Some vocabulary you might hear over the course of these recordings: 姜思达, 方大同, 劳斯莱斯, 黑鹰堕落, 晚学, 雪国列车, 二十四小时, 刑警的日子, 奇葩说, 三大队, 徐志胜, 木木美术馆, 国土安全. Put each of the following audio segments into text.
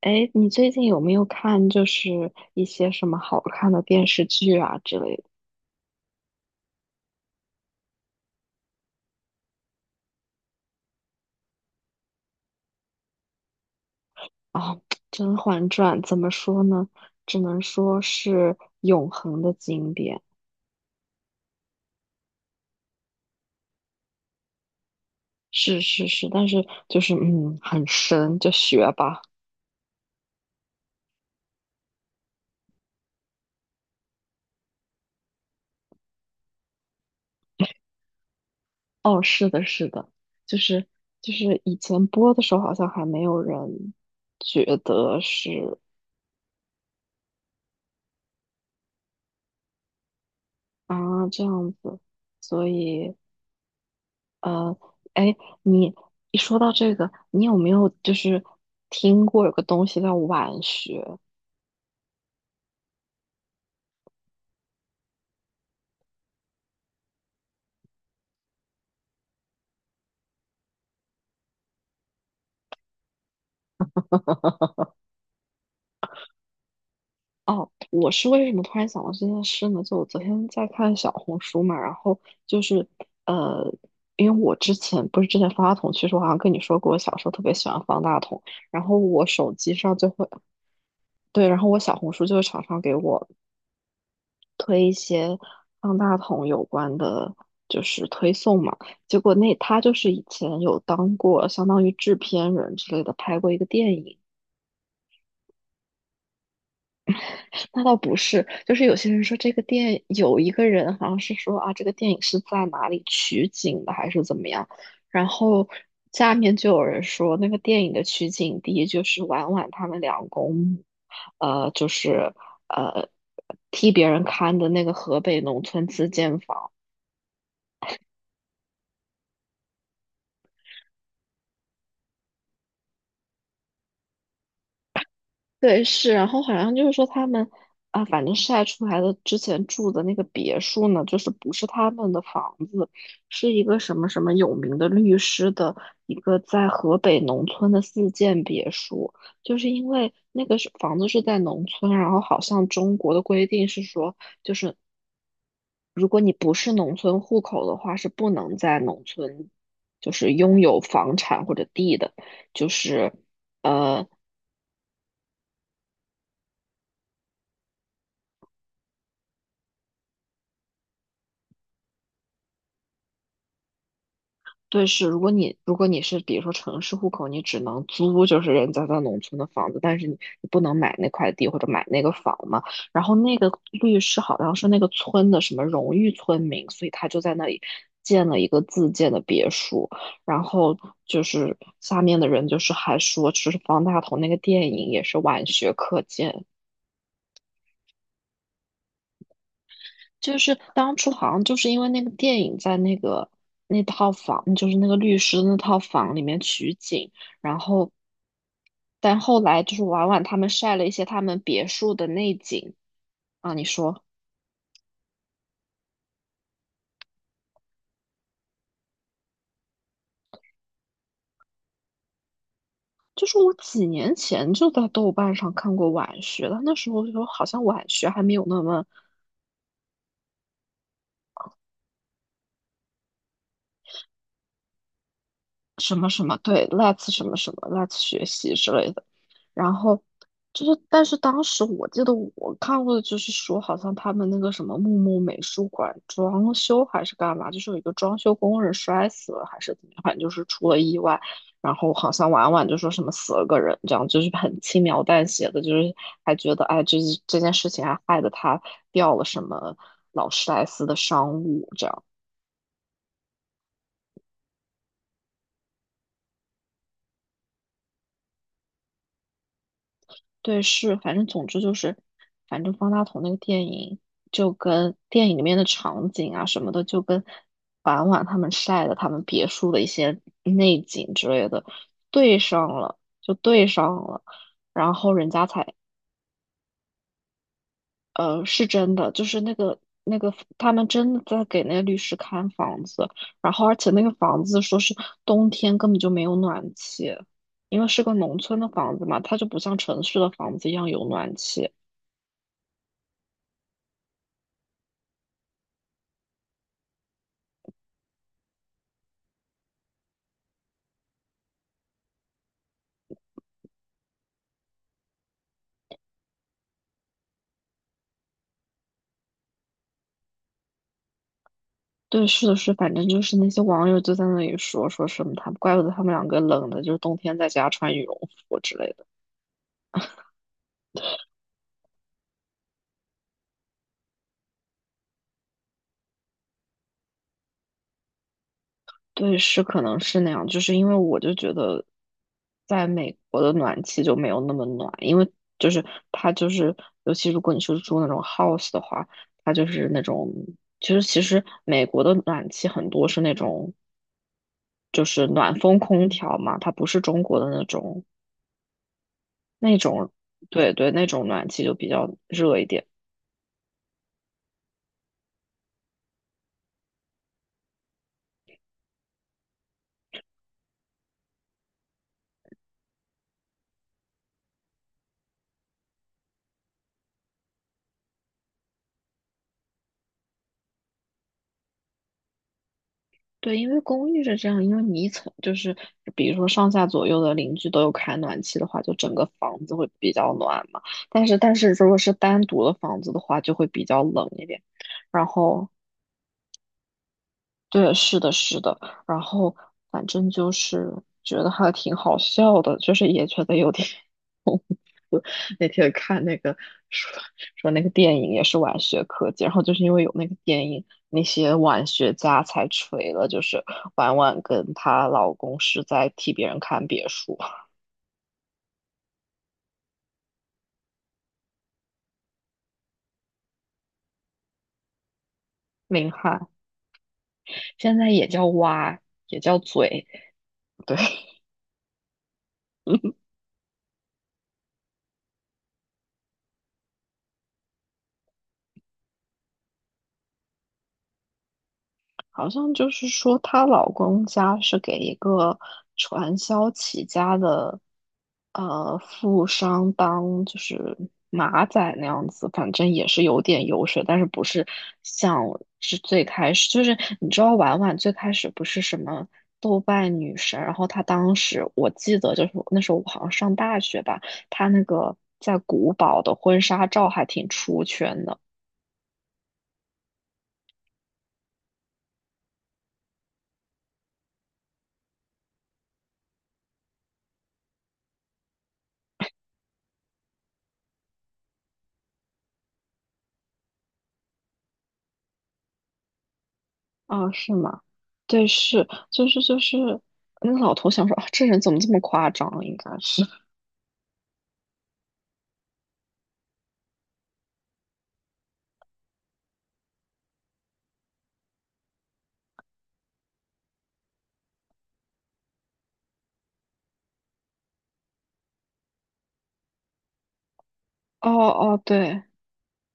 哎，你最近有没有看一些什么好看的电视剧啊之类的啊？《甄嬛传》怎么说呢？只能说是永恒的经典，是是是，但是很深，就学吧。哦，是的，是的，就是以前播的时候好像还没有人觉得是啊，这样子，所以。呃，哎，你一说到这个，你有没有听过有个东西叫晚学？哦，我是为什么突然想到这件事呢？就我昨天在看小红书嘛，然后就是呃，因为我之前不是之前方大同其实我好像跟你说过，我小时候特别喜欢方大同，然后我手机上就会对，然后我小红书就会常常给我推一些方大同有关的，就是推送嘛。结果那他就是以前有当过相当于制片人之类的，拍过一个电影。那倒不是，就是有些人说这个电有一个人好像是说啊，这个电影是在哪里取景的，还是怎么样？然后下面就有人说，那个电影的取景地就是婉婉他们两公母呃，就是呃替别人看的那个河北农村自建房。对，是，然后好像就是说他们啊，反正晒出来的之前住的那个别墅呢，就是不是他们的房子，是一个什么什么有名的律师的一个在河北农村的自建别墅，就是因为那个是房子是在农村，然后好像中国的规定是说，就是如果你不是农村户口的话，是不能在农村就是拥有房产或者地的，就是。呃。对，是，如果你如果你是比如说城市户口，你只能租就是人家在农村的房子，但是你你不能买那块地或者买那个房嘛。然后那个律师好像是那个村的什么荣誉村民，所以他就在那里建了一个自建的别墅。然后就是下面的人就是还说，就是方大同那个电影也是晚学课件，就是当初好像就是因为那个电影在那个那套房，就是那个律师的那套房里面取景。然后但后来就是婉婉他们晒了一些他们别墅的内景啊，你说，就是我几年前就在豆瓣上看过晚学了，那时候就好像晚学还没有那么什么什么，对，let's 什么什么，let's 学习之类的。然后就是，但是当时我记得我看过的就是说，好像他们那个什么木木美术馆装修还是干嘛，就是有一个装修工人摔死了还是怎么样，反正就是出了意外。然后好像婉婉就说什么死了个人，这样就是很轻描淡写的，就是还觉得哎，这件事情还害得他掉了什么劳斯莱斯的商务这样。对，是，反正总之就是，反正方大同那个电影就跟电影里面的场景啊什么的，就跟婉婉他们晒的他们别墅的一些内景之类的对上了，就对上了，然后人家才是真的，就是那个那个他们真的在给那个律师看房子，然后而且那个房子说是冬天根本就没有暖气，因为是个农村的房子嘛，它就不像城市的房子一样有暖气。对，是的是，反正就是那些网友就在那里说说什么他，怪不得他们两个冷的，就是冬天在家穿羽绒服之类的。对，是可能是那样，就是因为我就觉得，在美国的暖气就没有那么暖，因为就是它就是，尤其如果你是住那种 house 的话，它就是那种，其实美国的暖气很多是那种，就是暖风空调嘛，它不是中国的那种那种，对对，那种暖气就比较热一点。对，因为公寓是这样，因为你一层就是比如说上下左右的邻居都有开暖气的话，就整个房子会比较暖嘛。但是如果是单独的房子的话，就会比较冷一点。然后对，是的，是的。然后反正就是觉得还挺好笑的，就是也觉得有点 那天看那个说说那个电影也是晚学科技，然后就是因为有那个电影，那些晚学家才锤了，就是婉婉跟她老公是在替别人看别墅。林翰现在也叫歪，也叫嘴，对。好像就是说她老公家是给一个传销起家的富商当就是马仔那样子，反正也是有点油水，但是不是像是最开始，就是你知道婉婉最开始不是什么。豆瓣女神，然后她当时我记得就是那时候我好像上大学吧，她那个在古堡的婚纱照还挺出圈的。哦，是吗？对，是，那个老头想说啊，这人怎么这么夸张啊？应该是，哦哦，对，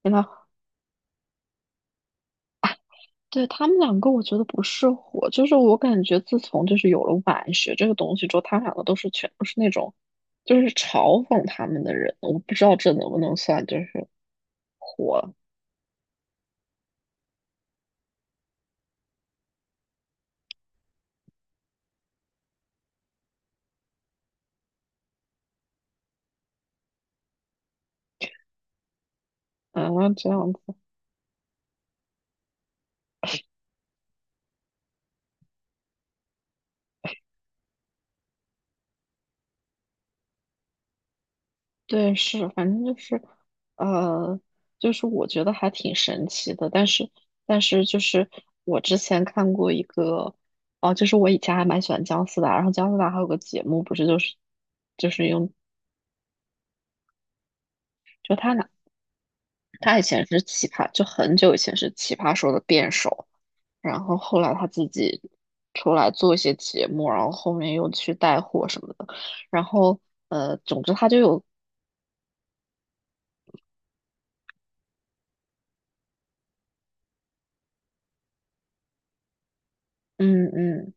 那对他们两个，我觉得不是火，就是我感觉自从就是有了晚学这个东西之后，他们两个都是全都是那种，就是嘲讽他们的人，我不知道这能不能算就是火，啊，这样子。对，是，反正就是，呃，就是我觉得还挺神奇的，但是，但是就是我之前看过一个，哦、就是我以前还蛮喜欢姜思达，然后姜思达还有个节目，不是就是就是用，就他拿他以前是奇葩，就很久以前是奇葩说的辩手，然后后来他自己出来做一些节目，然后后面又去带货什么的，然后总之他就有，嗯嗯。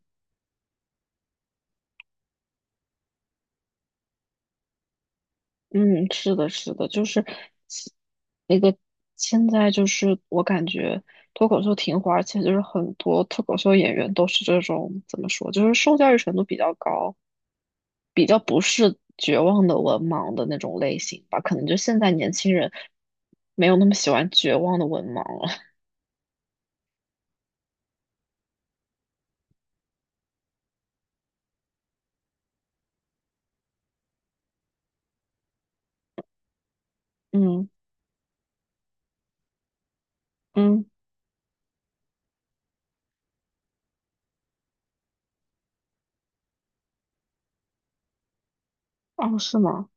嗯，是的，是的，就是其那个现在就是我感觉脱口秀挺火，而且就是很多脱口秀演员都是这种怎么说，就是受教育程度比较高，比较不是绝望的文盲的那种类型吧。可能就现在年轻人没有那么喜欢绝望的文盲了。嗯嗯，哦，是吗？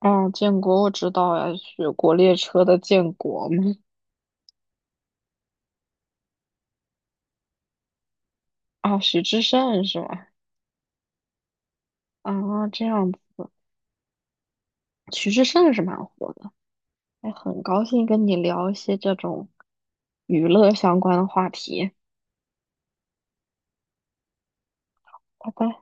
哦，建国我知道呀，雪国列车的建国嘛。啊，徐志胜是吗？啊，这样子，徐志胜是蛮火的。哎，很高兴跟你聊一些这种娱乐相关的话题，拜拜。